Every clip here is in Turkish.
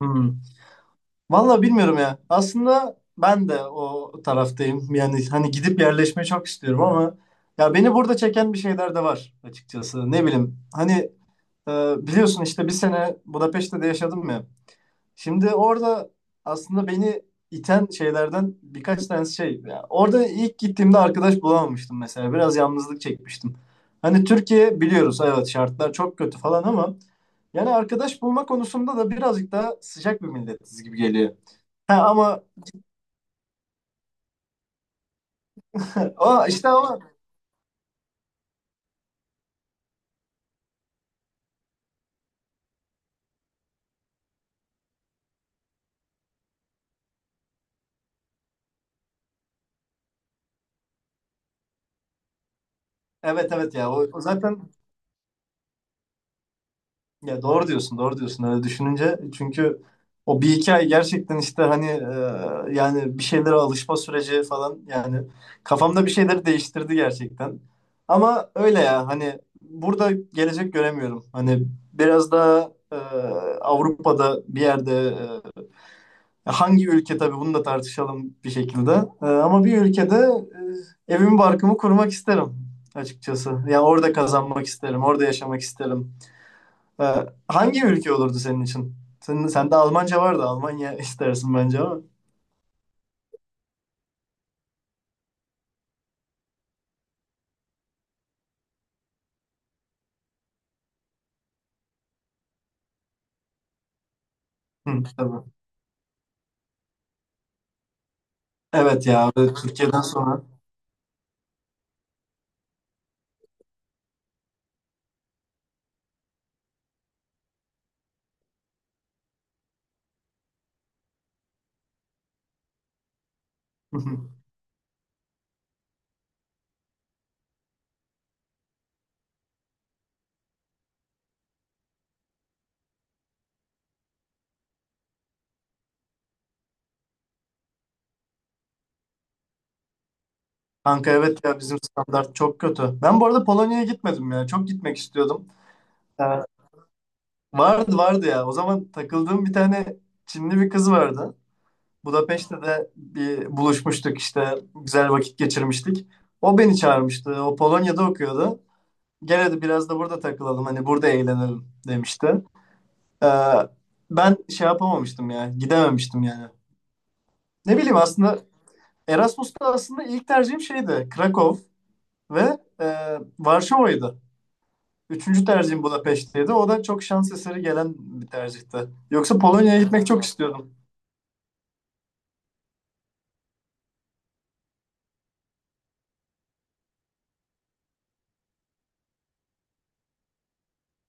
Hmm. Vallahi bilmiyorum ya. Aslında ben de o taraftayım. Yani hani gidip yerleşmeyi çok istiyorum ama ya beni burada çeken bir şeyler de var açıkçası. Ne bileyim. Hani e, biliyorsun işte bir sene Budapeşte'de yaşadım ya. Şimdi orada aslında beni iten şeylerden birkaç tanesi şey. Ya orada ilk gittiğimde arkadaş bulamamıştım mesela. Biraz yalnızlık çekmiştim. Hani Türkiye biliyoruz, evet şartlar çok kötü falan ama yani arkadaş bulma konusunda da birazcık daha sıcak bir milletiz gibi geliyor. Ha, ama o işte ama evet, evet ya o zaten ya doğru diyorsun, doğru diyorsun öyle düşününce. Çünkü o bir iki ay gerçekten işte hani yani bir şeylere alışma süreci falan yani kafamda bir şeyleri değiştirdi gerçekten. Ama öyle ya hani burada gelecek göremiyorum. Hani biraz daha Avrupa'da bir yerde, hangi ülke tabii bunu da tartışalım bir şekilde. Ama bir ülkede evimi barkımı kurmak isterim açıkçası. Ya orada kazanmak isterim, orada yaşamak isterim. Ha, hangi ülke olurdu senin için? Senin, sende Almanca vardı. Almanya istersin bence ama. Hı, tabii. Evet ya. Böyle Türkiye'den sonra. Hı hı. Kanka evet ya bizim standart çok kötü. Ben bu arada Polonya'ya gitmedim ya. Çok gitmek istiyordum. Ha, vardı vardı ya. O zaman takıldığım bir tane Çinli bir kız vardı. Budapeşte de bir buluşmuştuk işte. Güzel vakit geçirmiştik. O beni çağırmıştı. O Polonya'da okuyordu. Gel hadi biraz da burada takılalım. Hani burada eğlenelim demişti. Ee, ben şey yapamamıştım ya. Gidememiştim yani. Ne bileyim, aslında Erasmus'ta aslında ilk tercihim şeydi. Krakow ve Varşova'ydı. Üçüncü tercihim Budapeşte'ydi. O da çok şans eseri gelen bir tercihti. Yoksa Polonya'ya gitmek çok istiyordum.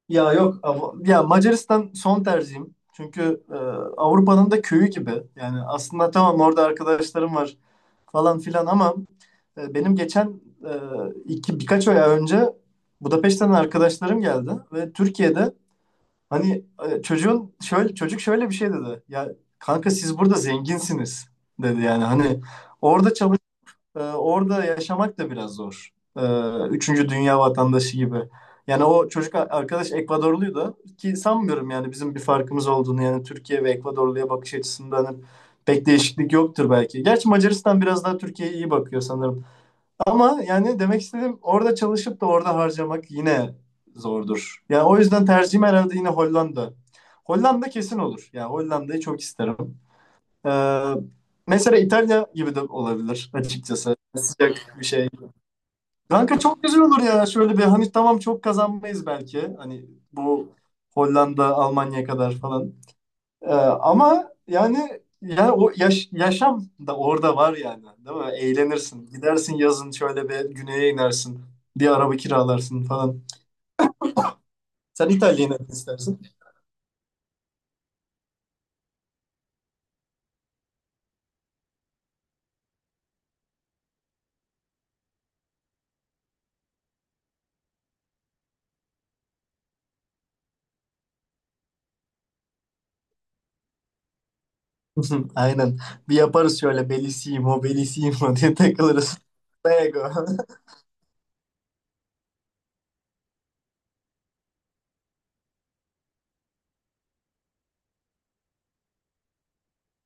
Ya yok, ya Macaristan son tercihim. Çünkü Avrupa'nın da köyü gibi. Yani aslında tamam, orada arkadaşlarım var, falan filan ama benim geçen iki birkaç ay önce Budapeşte'den arkadaşlarım geldi ve Türkiye'de hani çocuğun şöyle çocuk şöyle bir şey dedi. Ya kanka siz burada zenginsiniz, dedi yani hani orada çalış, orada yaşamak da biraz zor. Ee, üçüncü dünya vatandaşı gibi. Yani o çocuk arkadaş Ekvadorluydu ki sanmıyorum yani bizim bir farkımız olduğunu, yani Türkiye ve Ekvadorlu'ya bakış açısından hani pek değişiklik yoktur belki. Gerçi Macaristan biraz daha Türkiye'ye iyi bakıyor sanırım. Ama yani demek istediğim orada çalışıp da orada harcamak yine zordur. Yani o yüzden tercihim herhalde yine Hollanda. Hollanda kesin olur. Yani Hollanda'yı çok isterim. Ee, mesela İtalya gibi de olabilir açıkçası. Sıcak bir şey. Kanka çok güzel olur ya. Şöyle bir hani tamam çok kazanmayız belki. Hani bu Hollanda, Almanya kadar falan. Ama yani yani o yaşam da orada var yani. Değil mi? Eğlenirsin. Gidersin, yazın şöyle bir güneye inersin. Bir araba kiralarsın falan. Sen İtalya'yı nereden istersin? Aynen. Bir yaparız şöyle Bellissimo, Bellissimo diye takılırız. Lego.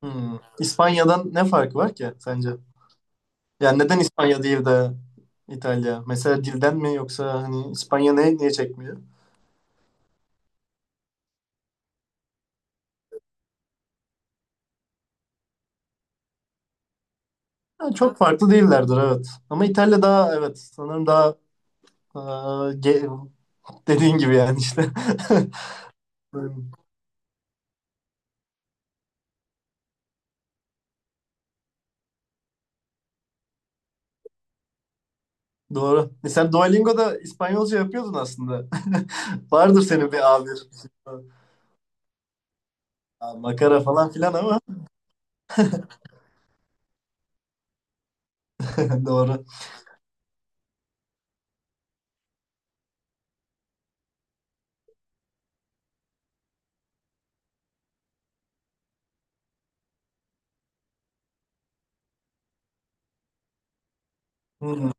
Hmm. İspanya'dan ne farkı var ki sence? Yani neden İspanya değil de İtalya? Mesela dilden mi, yoksa hani İspanya ne, niye çekmiyor? Yani çok farklı değillerdir, evet. Ama İtalya daha, evet sanırım daha e, ge- dediğin gibi yani işte. Doğru. E sen Duolingo'da İspanyolca yapıyordun aslında. Vardır senin bir A1. Ha, makara falan filan ama doğru. Hmm.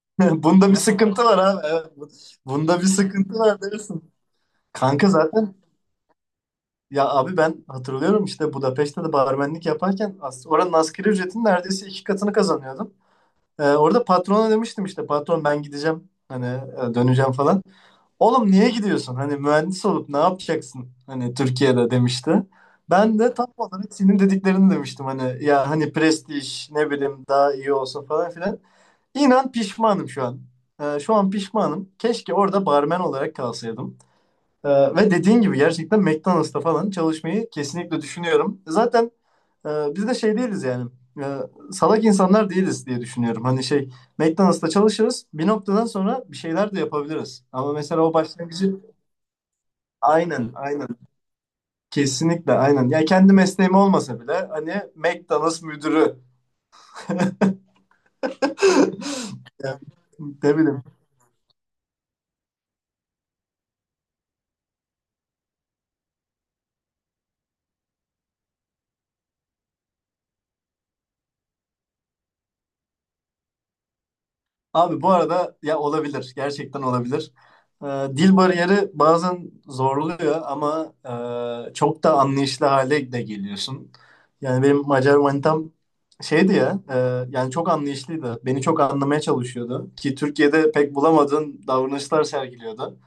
Bunda bir sıkıntı var abi. Evet. Bunda bir sıkıntı var dersin. Kanka zaten ya abi ben hatırlıyorum, işte Budapeşte de barmenlik yaparken oranın asgari ücretin neredeyse iki katını kazanıyordum. Orada patrona demiştim, işte patron ben gideceğim hani döneceğim falan. Oğlum niye gidiyorsun? Hani mühendis olup ne yapacaksın? Hani Türkiye'de demişti. Ben de tam olarak senin dediklerini demiştim hani, ya hani prestij ne bileyim daha iyi olsun falan filan. İnan pişmanım şu an. Şu an pişmanım. Keşke orada barmen olarak kalsaydım. Ee, ve dediğin gibi gerçekten McDonald's'ta falan çalışmayı kesinlikle düşünüyorum. Zaten ee, biz de şey değiliz yani. Ee, salak insanlar değiliz diye düşünüyorum. Hani şey, McDonald's'ta çalışırız. Bir noktadan sonra bir şeyler de yapabiliriz. Ama mesela o başlangıcı, aynen aynen kesinlikle aynen. Ya kendi mesleğim olmasa bile hani McDonald's müdürü. Yani, ne bileyim. Abi bu arada ya olabilir. Gerçekten olabilir. Ee, dil bariyeri bazen zorluyor ama çok da anlayışlı hale de geliyorsun. Yani benim Macar manitam şeydi ya, yani çok anlayışlıydı. Beni çok anlamaya çalışıyordu ki Türkiye'de pek bulamadığın davranışlar sergiliyordu.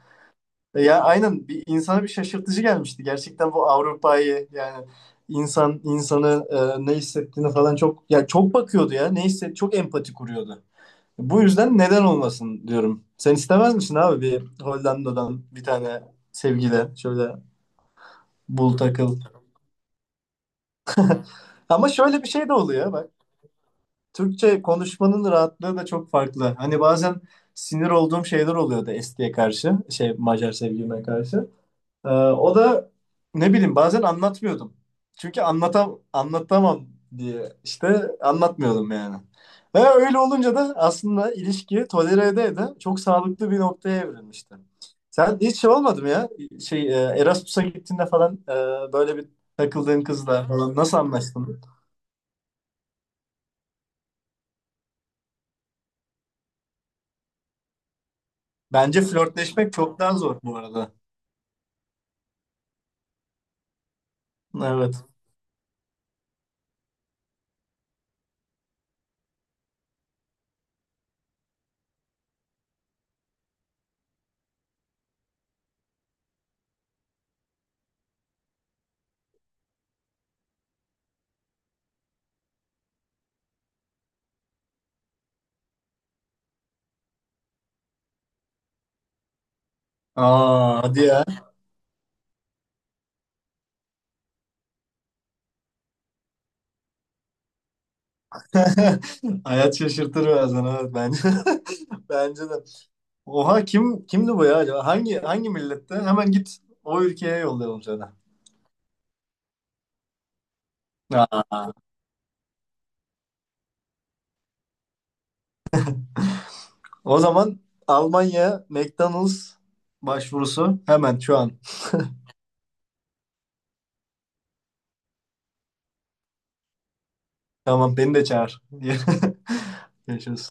E, ya aynen bir insana bir şaşırtıcı gelmişti. Gerçekten bu Avrupa'yı yani insan insanı ne hissettiğini falan çok, ya çok bakıyordu ya, ne hisset, çok empati kuruyordu. Bu yüzden neden olmasın diyorum. Sen istemez misin abi, bir Hollanda'dan bir tane sevgili şöyle bul takıl. Ama şöyle bir şey de oluyor bak. Türkçe konuşmanın rahatlığı da çok farklı. Hani bazen sinir olduğum şeyler oluyordu Esti'ye karşı, şey Macar sevgilime karşı. O da ne bileyim bazen anlatmıyordum. Çünkü anlatamam diye işte anlatmıyordum yani. Ve öyle olunca da aslında ilişki tolere ede ede çok sağlıklı bir noktaya evrilmişti. Sen hiç şey olmadı mı ya? Şey Erasmus'a gittiğinde falan, böyle bir takıldığın kızla falan nasıl anlaştın? Bence flörtleşmek çok daha zor bu arada. Evet. Aa hadi ya. Hayat şaşırtır bazen, evet bence. Bence de. Oha kim kimdi bu ya acaba? Hangi, hangi millette? Hemen git o ülkeye yollayalım seni. Aa, o zaman Almanya McDonald's başvurusu hemen şu an. Tamam beni de çağır. Görüşürüz.